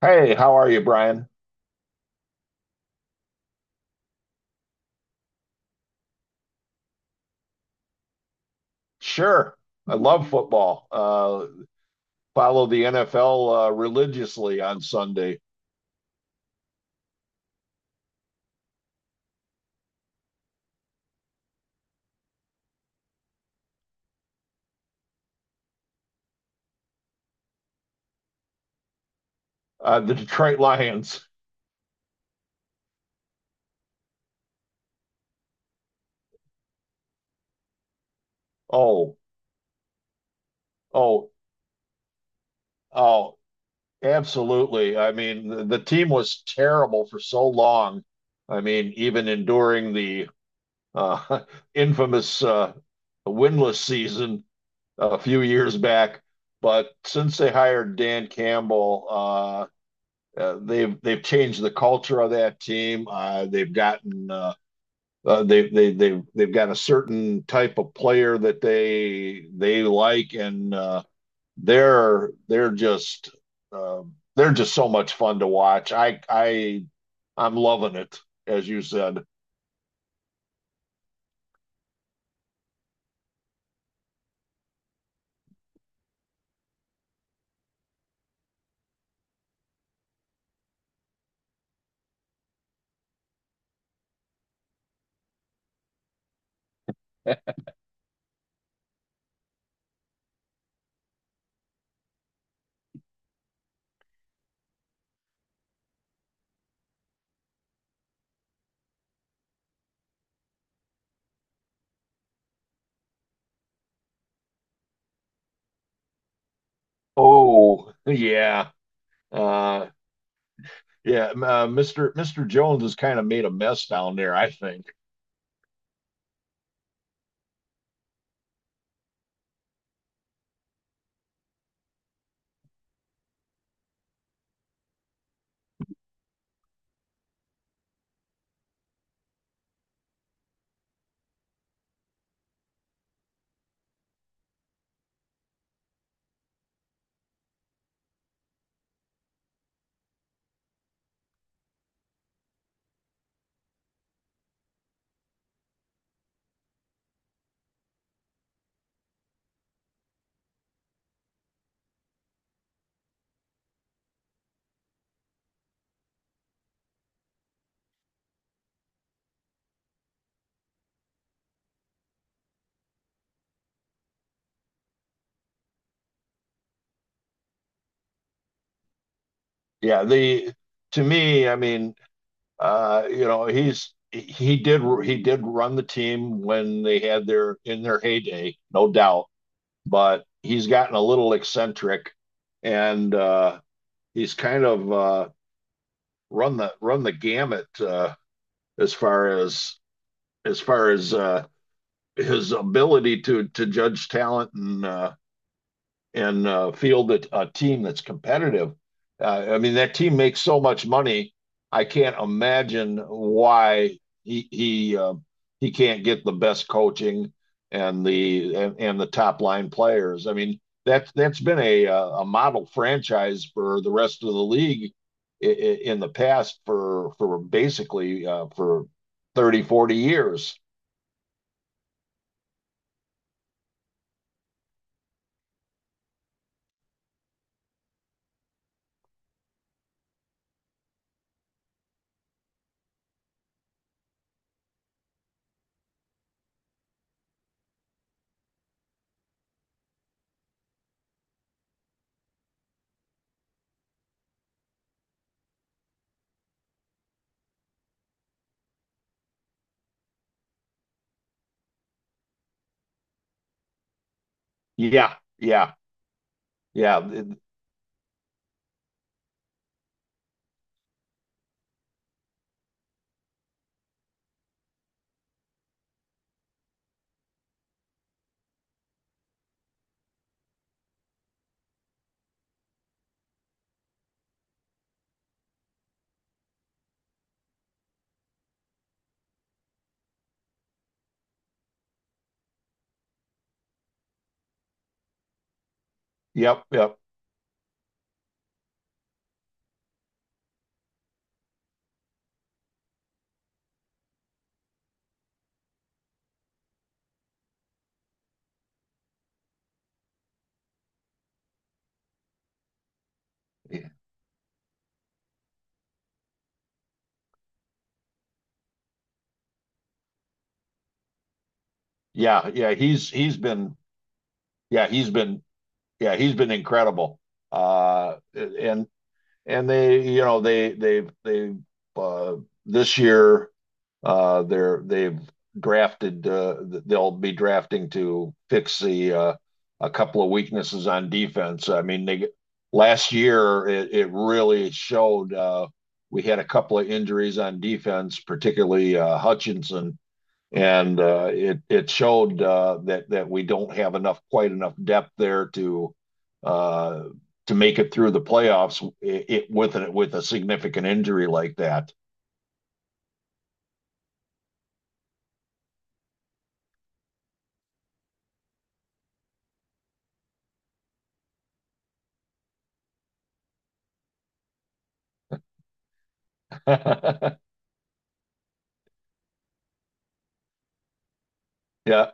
Hey, how are you, Brian? Sure. I love football. Follow the NFL religiously on Sunday. The Detroit Lions. Oh, oh, oh, absolutely. I mean, the team was terrible for so long. I mean, even enduring the uh, infamous winless season a few years back. But since they hired Dan Campbell, they've changed the culture of that team. They've gotten they've got a certain type of player that they like, and they're they're just uh, they're just so much fun to watch. I I'm loving it, as you said. Oh yeah, uh, yeah. Mister Jones has kind of made a mess down there, I think. Yeah, the to me, I mean, you know, he did run the team when they had their in their heyday, no doubt. But he's gotten a little eccentric, and he's kind of run the gamut as far as as far as uh, his ability to judge talent and field a team that's competitive. I mean, that team makes so much money. I can't imagine why he he uh, he can't get the best coaching and the top line players. I mean, that that's been a model franchise for the rest of the league in the past for basically for 30, 40 years. Yeah, yeah, yeah. Yep, yep. Yeah, yeah. He's been, yeah, he's been incredible. Uh, and and they you know they they've uh, this year they've drafted— they'll be drafting to fix the a couple of weaknesses on defense. I mean, they last year it really showed. We had a couple of injuries on defense, particularly Hutchinson, and it showed that that we don't have enough quite enough depth there uh, to make it through the playoffs it with with a significant injury like that. yeah,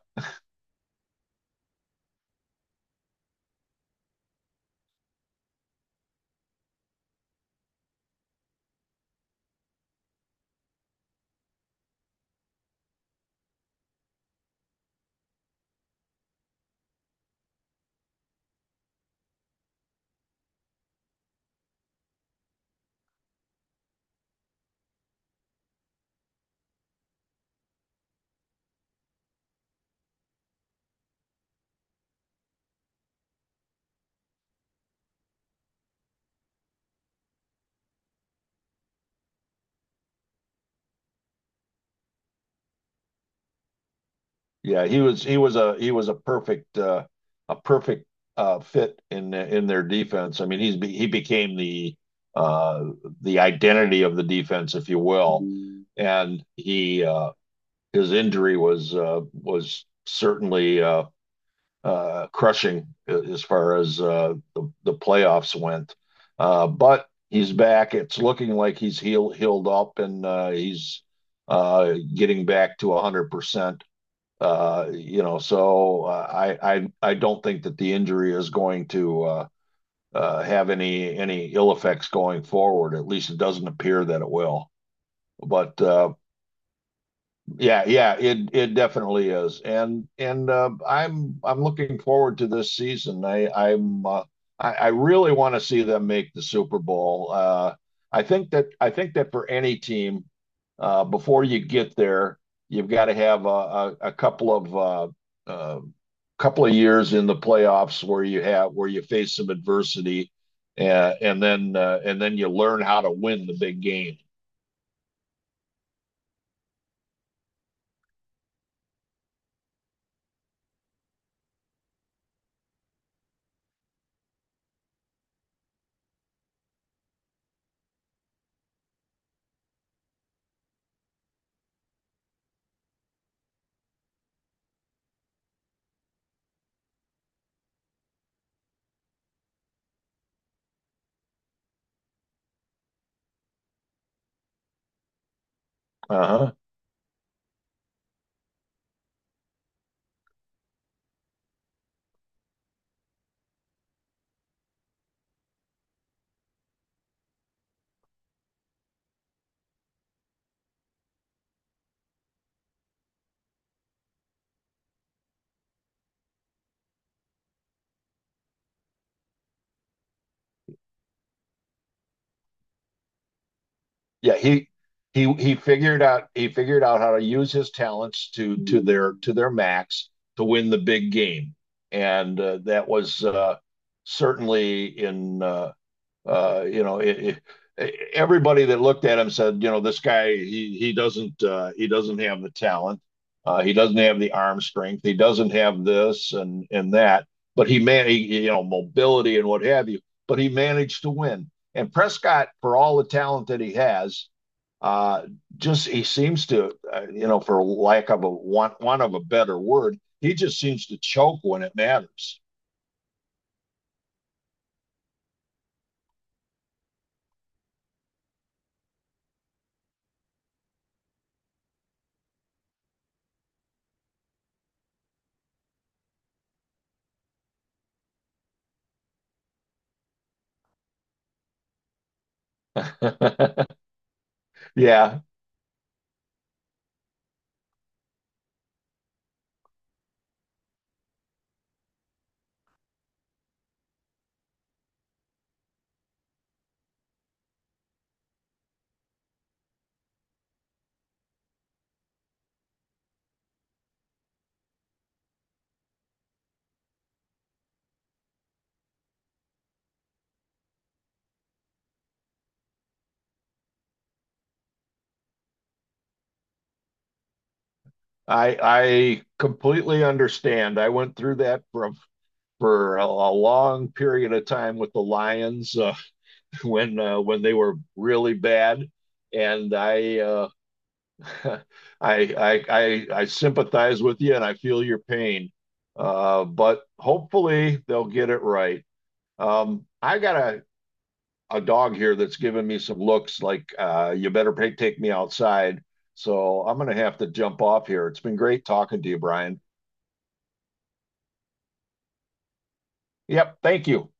yeah, he was a perfect a perfect fit in their defense. I mean, he became uh, the identity of the defense, if you will, and he his injury was certainly crushing as far as the playoffs went. But he's back. It's looking like he's healed up and he's getting back to 100%. You know, so I don't think that the injury is going to have any ill effects going forward. At least it doesn't appear that it will. But yeah, yeah, it definitely is, and I'm looking forward to this season. I really want to see them make the Super Bowl. I think that for any team, before you get there, you've got to have a couple of uh, uh, couple of years in the playoffs where you have where you face some adversity, and then you learn how to win the big game. Uh-huh. yeah he he figured out how to use his talents to mm-hmm. To their max to win the big game, and that was certainly in you know it, it, everybody that looked at him said, you know, this guy he doesn't have the talent, he doesn't have the arm strength, he doesn't have this and that, but he, man, he, you know, mobility and what have you, but he managed to win. And Prescott, for all the talent that he has, uh, just he seems to, you know, for lack of a want of a better word, he just seems to choke when it matters. yeah, I completely understand. I went through that from for a long period of time with the Lions when they were really bad, and I I sympathize with you, and I feel your pain. But hopefully they'll get it right. I got a dog here that's giving me some looks like, you better pay, take me outside. So I'm going to have to jump off here. It's been great talking to you, Brian. Yep. Thank you.